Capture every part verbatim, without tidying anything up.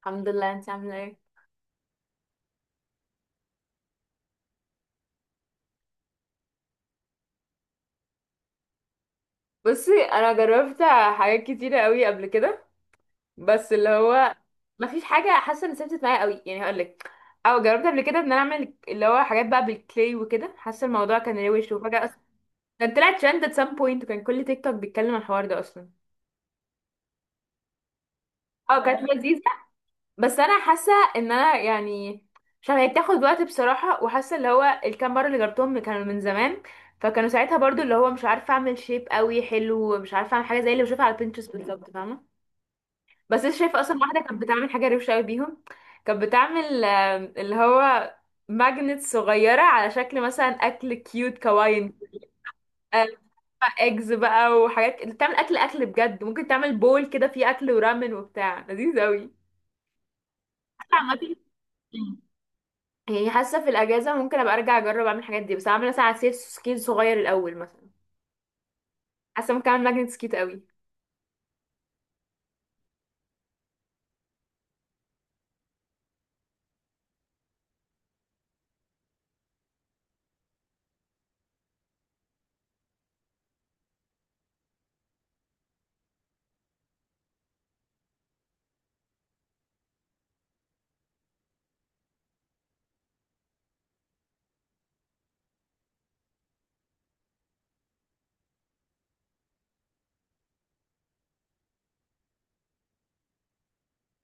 الحمد لله، انت عامله ايه؟ بصي، انا جربت حاجات كتيره قوي قبل كده. بس اللي هو ما فيش حاجه حاسه ان ثبتت معايا قوي، يعني هقول لك. او جربت قبل كده ان انا اعمل اللي هو حاجات بقى بالكلاي وكده، حاسه الموضوع كان روش. وفجاه اصلا كان طلع ترند at some point، وكان كل تيك توك بيتكلم عن الحوار ده اصلا. اه كانت لذيذه. بس انا حاسه ان انا يعني عشان هي بتاخد وقت بصراحه. وحاسه اللي هو الكام مره اللي جربتهم كانوا من زمان، فكانوا ساعتها برضو اللي هو مش عارفه اعمل شيب قوي حلو، مش عارفه اعمل حاجه زي اللي بشوفها على بنترست بالظبط، فاهمه. بس انا شايفه اصلا واحده كانت بتعمل حاجه روشه قوي بيهم. كانت بتعمل آم، اللي هو ماجنت صغيره على شكل مثلا اكل كيوت كواين. آه، اجز بقى، وحاجات بتعمل اكل اكل بجد، ممكن تعمل بول كده فيه اكل ورامن وبتاع لذيذ قوي. عامه يعني حاسه في الاجازه ممكن ابقى ارجع اجرب اعمل الحاجات دي، بس اعمل مثلا عصير سكيت صغير الاول مثلا. حاسه ممكن اعمل ماجنت سكيت قوي.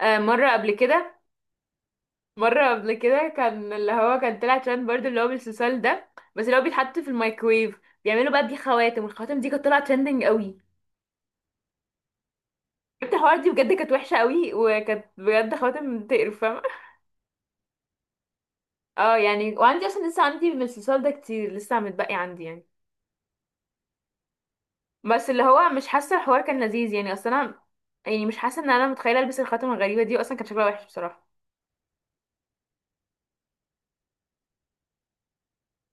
آه، مره قبل كده مره قبل كده كان اللي هو كان طلع ترند برضه اللي هو بالسوسال ده. بس اللي هو بيتحط في الميكرويف، بيعملوا بقى بيه خواتم، والخواتم دي كانت طالعه ترندنج قوي. جبت الحوار دي بجد، كانت وحشه قوي، وكانت بجد خواتم تقرف، فاهمه. اه يعني، وعندي اصلا لسه عندي من السوسال ده كتير لسه متبقي عندي يعني. بس اللي هو مش حاسه الحوار كان لذيذ يعني، اصل انا يعني مش حاسه ان انا متخيله البس الخاتم الغريبه دي، اصلا كان شكلها وحش بصراحه.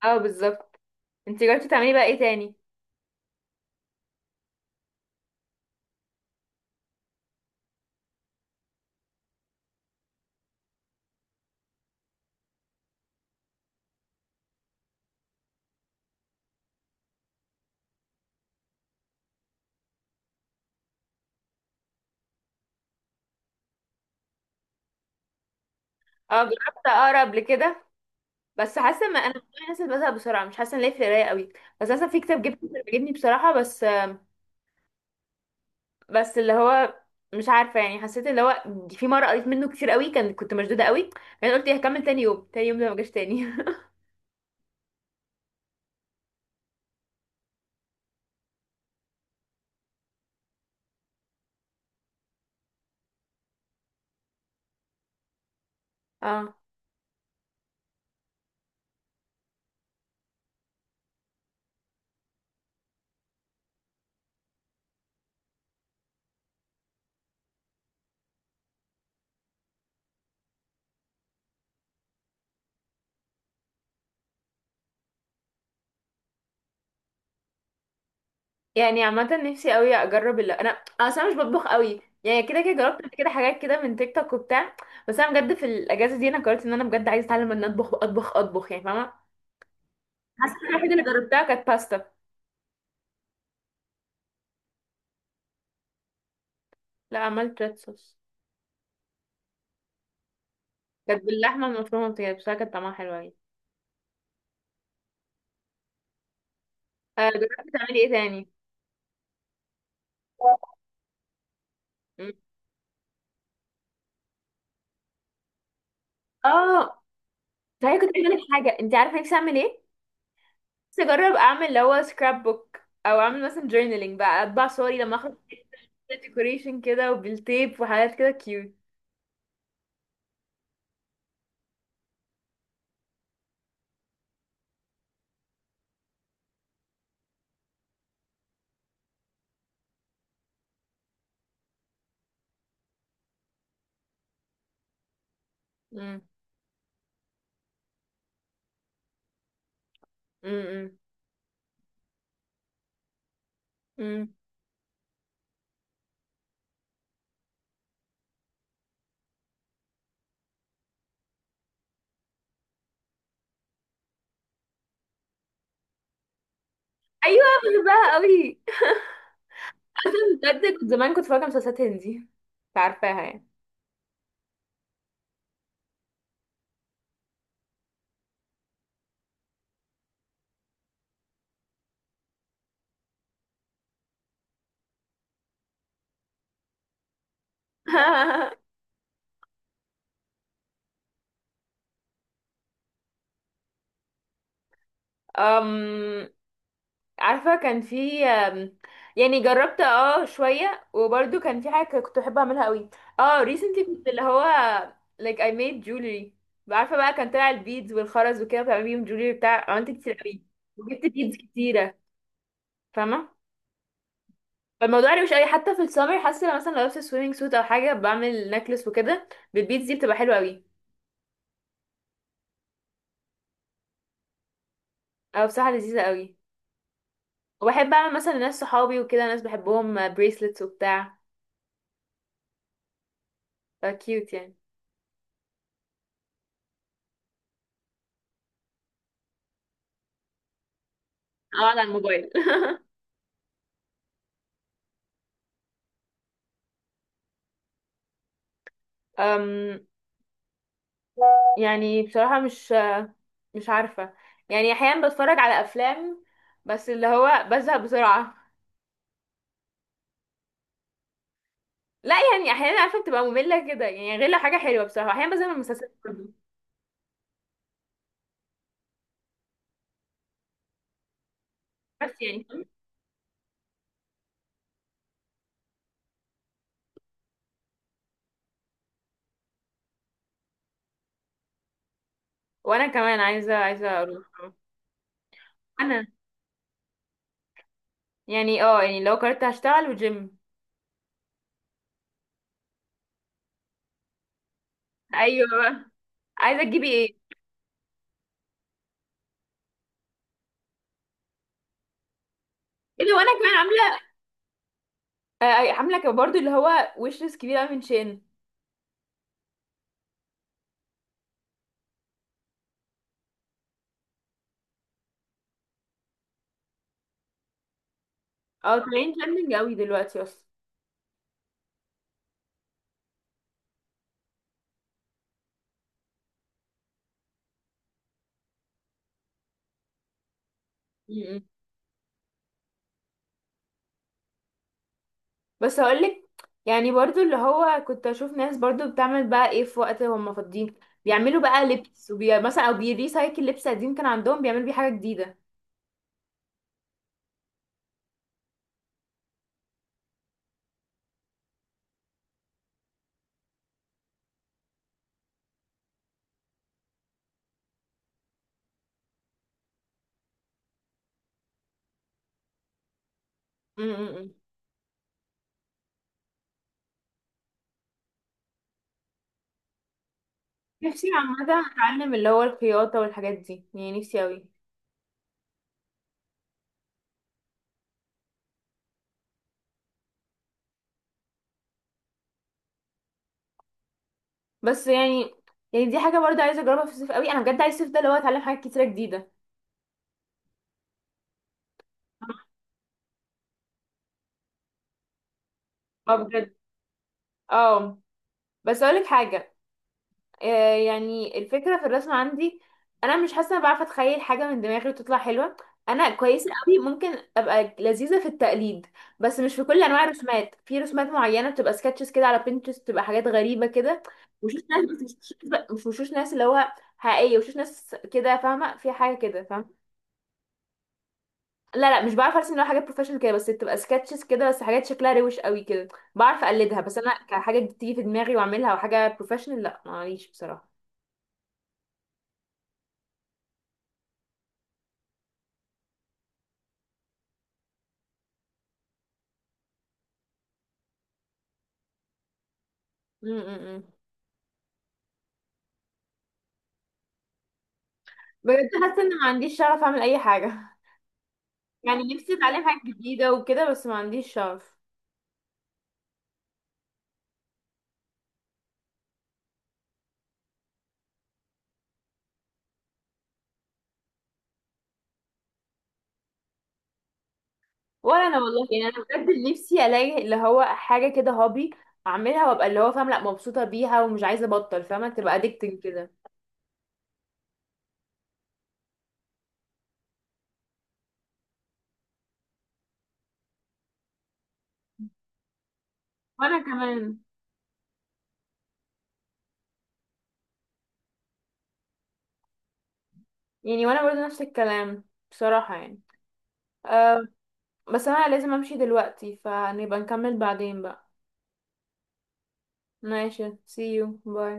اه بالظبط. انت جربتي تعملي بقى ايه تاني؟ اه، جربت اقرا قبل كده، بس حاسه ما انا من النوع الناس اللي بزهق بسرعه، مش حاسه ان ليا في القرايه قوي. بس اصلا في كتاب جبته كان عجبني بصراحه، بس بس اللي هو مش عارفه يعني، حسيت اللي هو في مره قريت منه كتير قوي، كان كنت مشدوده قوي، يعني قلت إيه، هكمل تاني يوم. تاني يوم ده ما جاش تاني. اه يعني، عامة نفسي قوي اجرب اللي انا. أنا اصلا مش بطبخ قوي يعني، كده كده جربت قبل كده حاجات كده من تيك توك وبتاع. بس انا بجد في الاجازة دي انا قررت ان انا بجد عايزة اتعلم ان اطبخ اطبخ اطبخ، يعني فاهمة. حاسة إن الحاجة اللي جربتها كانت باستا. لا، عملت ريد صوص. كانت باللحمة المفرومة بتاعي، بس كانت طعمها حلو يعني. آه، جربت تعملي ايه تاني؟ مم. اه صحيح، كنت عايزة اقولك حاجة، انت عارفة نفسي اعمل ايه؟ نفسي اجرب اعمل اللي هو سكراب بوك، او اعمل مثلا جورنالينج بقى، اطبع صوري لما اخرج. ديكوريشن كده وبالتيب وحاجات كده كيوت. مم. مم. مم. ايوه، بحبها قوي. بجد كنت زمان كنت فاكره مسلسلات هندي، عارفاها يعني؟ أم... عارفه كان في أم، يعني جربت اه شويه، وبرده كان في حاجه كنت بحب اعملها قوي. اه recently كنت اللي هو like I made jewelry. عارفه بقى كان طلع البيدز والخرز وكده، بتعمل بيهم jewelry بتاع، عملت كتير قوي. وجبت بيدز كتيره، فاهمه. فالموضوع يعني مش اي حتى في السمر، حاسه لو مثلا لو لابسه سويمنج سوت او حاجه، بعمل نكلس وكده بالبيتز دي، بتبقى حلوه قوي. او بصراحه لذيذه قوي. وبحب اعمل مثلا لناس صحابي وكده ناس بحبهم، بريسلتس وبتاع، فكيوت يعني. او على الموبايل. أم، يعني بصراحه مش مش عارفه يعني، احيانا بتفرج على افلام، بس اللي هو بزهق بسرعه. لا يعني، احيانا عارفه بتبقى ممله كده يعني، غير لو حاجه حلوه بصراحه، احيانا بزهق من المسلسلات برضه. بس يعني. وانا كمان عايزه عايزه اروح. انا يعني اه يعني، لو قررت هشتغل وجيم. ايوه بقى، عايزه تجيبي ايه؟ اللي هو انا كمان عامله، آه، آه، عامله كمان برضو اللي هو ويش ليست كبيره أوي من شين. اه طالعين ترندنج قوي دلوقتي اصلا. م- م. بس هقولك، يعني برضو اللي هو كنت اشوف ناس برضو بتعمل بقى ايه في وقت هم فاضيين. بيعملوا بقى لبس وبي... مثلا، او بيريسايكل لبس قديم كان عندهم، بيعملوا بيه حاجه جديده. م- م- م. نفسي عامه اتعلم اللي هو الخياطه والحاجات دي، يعني نفسي قوي. بس يعني، يعني دي حاجه برضه عايزه اجربها في الصيف قوي. انا بجد عايز الصيف ده اللي هو اتعلم حاجات كتيره جديده. اه بجد، اه بس اقولك حاجه. آه، يعني الفكره في الرسم عندي، انا مش حاسه انا بعرف اتخيل حاجه من دماغي وتطلع حلوه. انا كويسه قوي، ممكن ابقى لذيذه في التقليد. بس مش في كل انواع الرسومات، في رسومات معينه بتبقى سكتشز كده على بنترست، بتبقى حاجات غريبه كده. وشوش ناس، بس مش مش وشوش ناس اللي هو حقيقيه، وشوش ناس كده فاهمه، في حاجه كده. لا لا، مش بعرف ارسم اللي هو حاجات بروفيشنال كده، بس بتبقى سكتشز كده، بس حاجات شكلها روش قوي كده بعرف اقلدها. بس انا كحاجه بتيجي في دماغي واعملها وحاجه بروفيشنال، لا معليش بصراحه. م- م- م. بجد حاسه ان ما عنديش شغف اعمل اي حاجه. يعني نفسي اتعلم حاجه جديده وكده، بس ما عنديش شغف. ولا انا والله، يعني انا بجد نفسي الاقي اللي هو حاجه كده هوبي اعملها، وابقى اللي هو فاهم، لا مبسوطه بيها ومش عايزه ابطل، فاهمه تبقى اديكتنج كده. وانا كمان، يعني وانا برضه نفس الكلام بصراحه يعني. آه، بس انا لازم امشي دلوقتي، فنبقى نكمل بعدين بقى. ماشي، see you باي